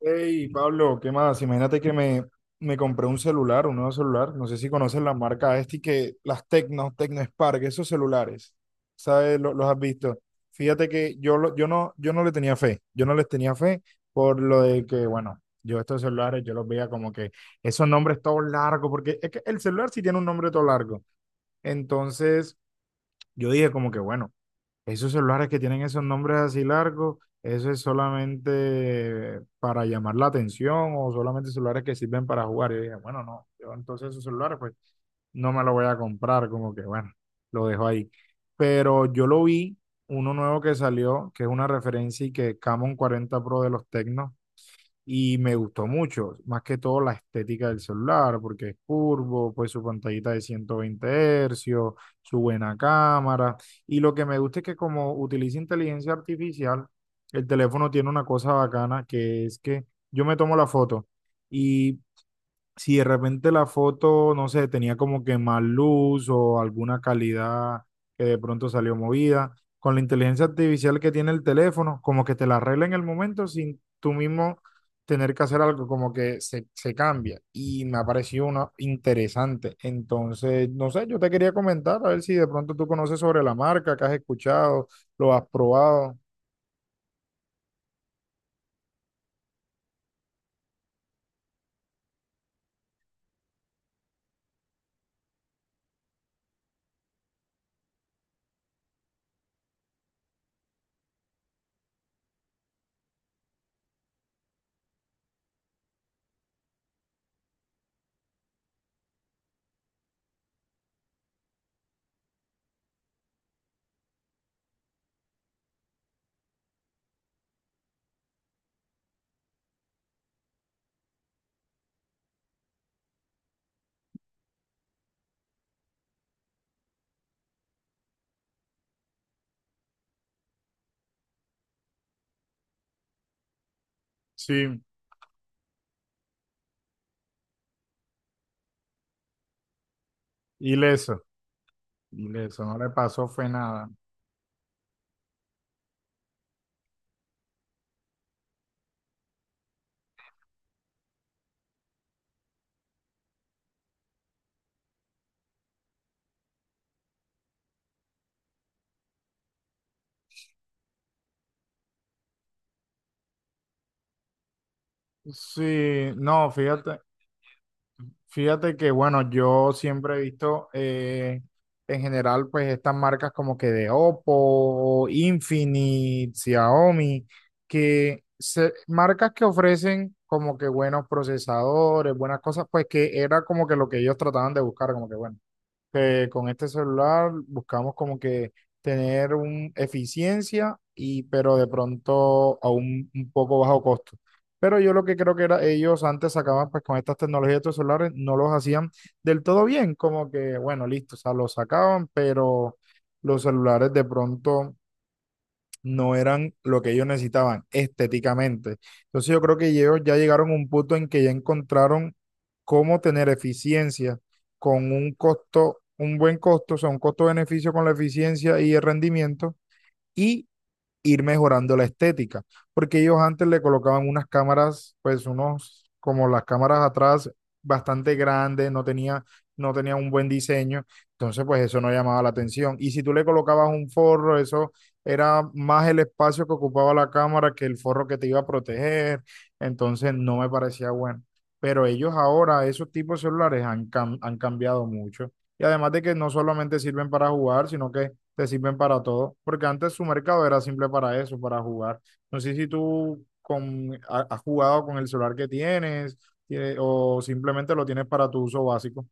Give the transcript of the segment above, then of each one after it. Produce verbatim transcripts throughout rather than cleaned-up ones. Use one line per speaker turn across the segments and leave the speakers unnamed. Hey, Pablo, ¿qué más? Imagínate que me, me compré un celular, un nuevo celular. No sé si conoces la marca este que las Tecno, Tecno Spark, esos celulares, ¿sabes? Lo- los has visto. Fíjate que yo, lo- yo no, yo no le tenía fe. Yo no les tenía fe por lo de que, bueno, yo estos celulares, yo los veía como que esos nombres todos largos, porque es que el celular sí tiene un nombre todo largo. Entonces, yo dije como que, bueno. Esos celulares que tienen esos nombres así largos, eso es solamente para llamar la atención o solamente celulares que sirven para jugar. Y yo dije, bueno, no, yo entonces esos celulares pues no me los voy a comprar, como que bueno, lo dejo ahí. Pero yo lo vi, uno nuevo que salió, que es una referencia y que Camon cuarenta Pro de los Tecnos, y me gustó mucho, más que todo la estética del celular, porque es curvo, pues su pantallita de ciento veinte hercios, su buena cámara. Y lo que me gusta es que como utiliza inteligencia artificial, el teléfono tiene una cosa bacana, que es que yo me tomo la foto y si de repente la foto, no sé, tenía como que más luz o alguna calidad que de pronto salió movida, con la inteligencia artificial que tiene el teléfono, como que te la arregla en el momento sin tú mismo tener que hacer algo, como que se, se cambia. Y me ha parecido una interesante. Entonces, no sé, yo te quería comentar, a ver si de pronto tú conoces sobre la marca, que has escuchado, lo has probado. Sí, ileso, ileso, no le pasó, fue nada. Sí, no, fíjate. Fíjate que, bueno, yo siempre he visto eh, en general, pues estas marcas como que de Oppo, Infinite, Xiaomi, que se- marcas que ofrecen como que buenos procesadores, buenas cosas, pues que era como que lo que ellos trataban de buscar, como que bueno que con este celular buscamos como que tener un eficiencia y pero de pronto a un, un poco bajo costo. Pero yo lo que creo que era ellos antes sacaban pues con estas tecnologías de estos celulares no los hacían del todo bien, como que bueno, listo, o sea, los sacaban, pero los celulares de pronto no eran lo que ellos necesitaban estéticamente. Entonces yo creo que ellos ya llegaron a un punto en que ya encontraron cómo tener eficiencia con un costo, un buen costo, o sea, un costo-beneficio con la eficiencia y el rendimiento y ir mejorando la estética, porque ellos antes le colocaban unas cámaras, pues unos, como las cámaras atrás, bastante grandes, no tenía, no tenía un buen diseño, entonces pues eso no llamaba la atención. Y si tú le colocabas un forro, eso era más el espacio que ocupaba la cámara que el forro que te iba a proteger, entonces no me parecía bueno. Pero ellos ahora, esos tipos de celulares han, cam- han cambiado mucho. Y además de que no solamente sirven para jugar, sino que te sirven para todo, porque antes su mercado era simple para eso, para jugar. No sé si tú con, ha- has jugado con el celular que tienes, tiene- o simplemente lo tienes para tu uso básico.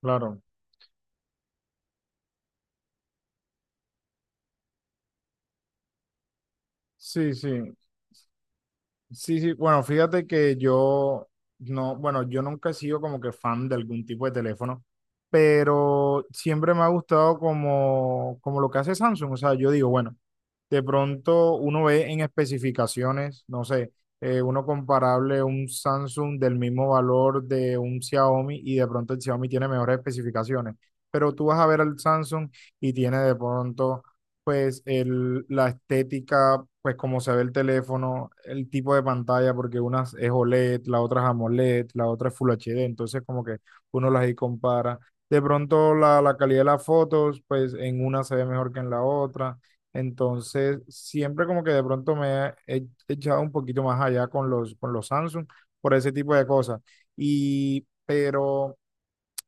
Claro. Sí, sí. Sí, sí, bueno, fíjate que yo no, bueno, yo nunca he sido como que fan de algún tipo de teléfono, pero siempre me ha gustado como, como lo que hace Samsung. O sea, yo digo, bueno, de pronto uno ve en especificaciones, no sé, eh, uno comparable un Samsung del mismo valor de un Xiaomi y de pronto el Xiaomi tiene mejores especificaciones, pero tú vas a ver al Samsung y tiene de pronto pues el, la estética, pues como se ve el teléfono, el tipo de pantalla, porque una es O L E D, la otra es AMOLED, la otra es Full H D, entonces como que uno las ahí compara. De pronto la, la calidad de las fotos, pues en una se ve mejor que en la otra. Entonces, siempre como que de pronto me he echado un poquito más allá con los, con los Samsung por ese tipo de cosas. Y, pero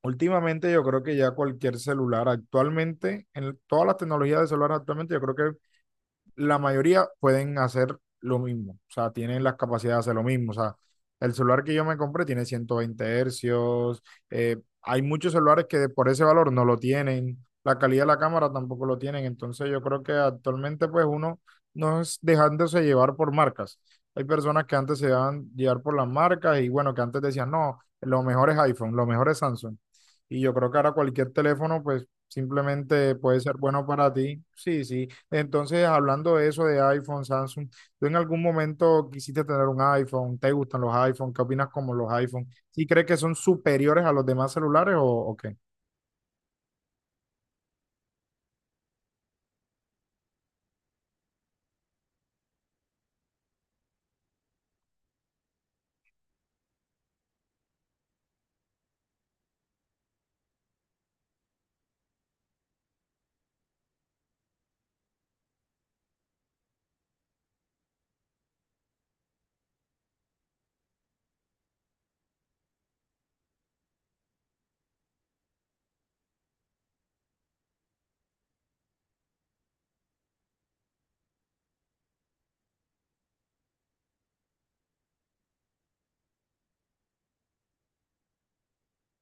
últimamente yo creo que ya cualquier celular actualmente, en todas las tecnologías de celular actualmente, yo creo que la mayoría pueden hacer lo mismo, o sea, tienen las capacidades de hacer lo mismo, o sea, el celular que yo me compré tiene ciento veinte hercios, eh, hay muchos celulares que por ese valor no lo tienen, la calidad de la cámara tampoco lo tienen, entonces yo creo que actualmente pues uno no es dejándose llevar por marcas. Hay personas que antes se dejaban llevar por las marcas y bueno, que antes decían, no, lo mejor es iPhone, lo mejor es Samsung. Y yo creo que ahora cualquier teléfono pues simplemente puede ser bueno para ti. Sí, sí. Entonces, hablando de eso de iPhone, Samsung, ¿tú en algún momento quisiste tener un iPhone? ¿Te gustan los iPhone? ¿Qué opinas como los iPhone? ¿Sí crees que son superiores a los demás celulares o, o qué?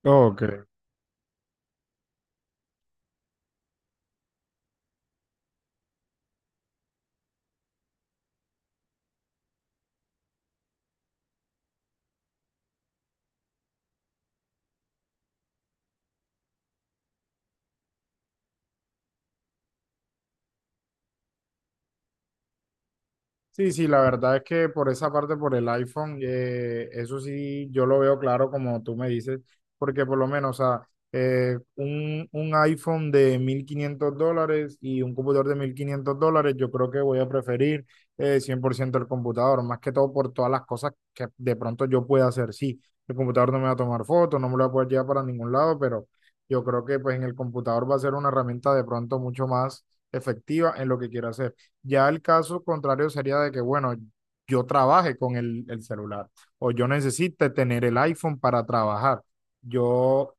Ok. Sí, sí, la verdad es que por esa parte, por el iPhone, eh, eso sí, yo lo veo claro como tú me dices, porque por lo menos, o sea, eh, un, un iPhone de mil quinientos dólares y un computador de mil quinientos dólares, yo creo que voy a preferir eh, cien por ciento el computador, más que todo por todas las cosas que de pronto yo pueda hacer. Sí, el computador no me va a tomar fotos, no me lo va a poder llevar para ningún lado, pero yo creo que pues en el computador va a ser una herramienta de pronto mucho más efectiva en lo que quiera hacer. Ya el caso contrario sería de que, bueno, yo trabaje con el, el celular o yo necesite tener el iPhone para trabajar. Yo,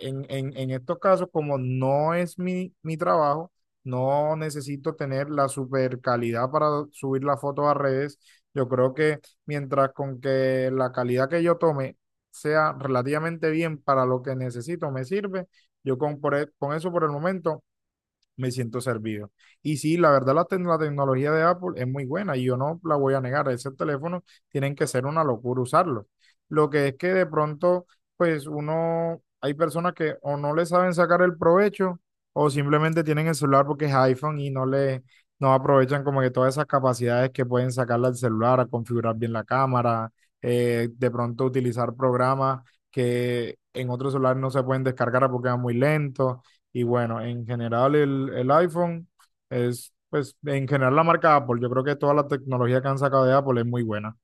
en, en, en estos casos, como no es mi, mi trabajo, no necesito tener la super calidad para subir las fotos a redes. Yo creo que mientras con que la calidad que yo tome sea relativamente bien para lo que necesito, me sirve. Yo con, por e- con eso por el momento me siento servido. Y sí, la verdad la, te- la tecnología de Apple es muy buena y yo no la voy a negar. Ese teléfono tienen que ser una locura usarlo. Lo que es que de pronto, pues uno, hay personas que o no le saben sacar el provecho o simplemente tienen el celular porque es iPhone y no le, no aprovechan como que todas esas capacidades que pueden sacarle al celular, a configurar bien la cámara, eh, de pronto utilizar programas que en otros celulares no se pueden descargar porque van muy lentos y bueno, en general el, el iPhone es, pues, en general la marca Apple. Yo creo que toda la tecnología que han sacado de Apple es muy buena.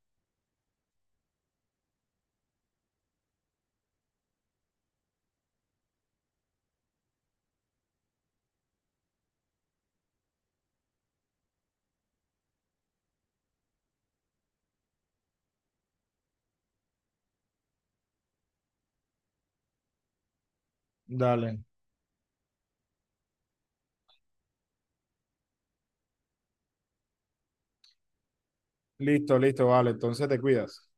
Dale. Listo, listo, vale. Entonces te cuidas.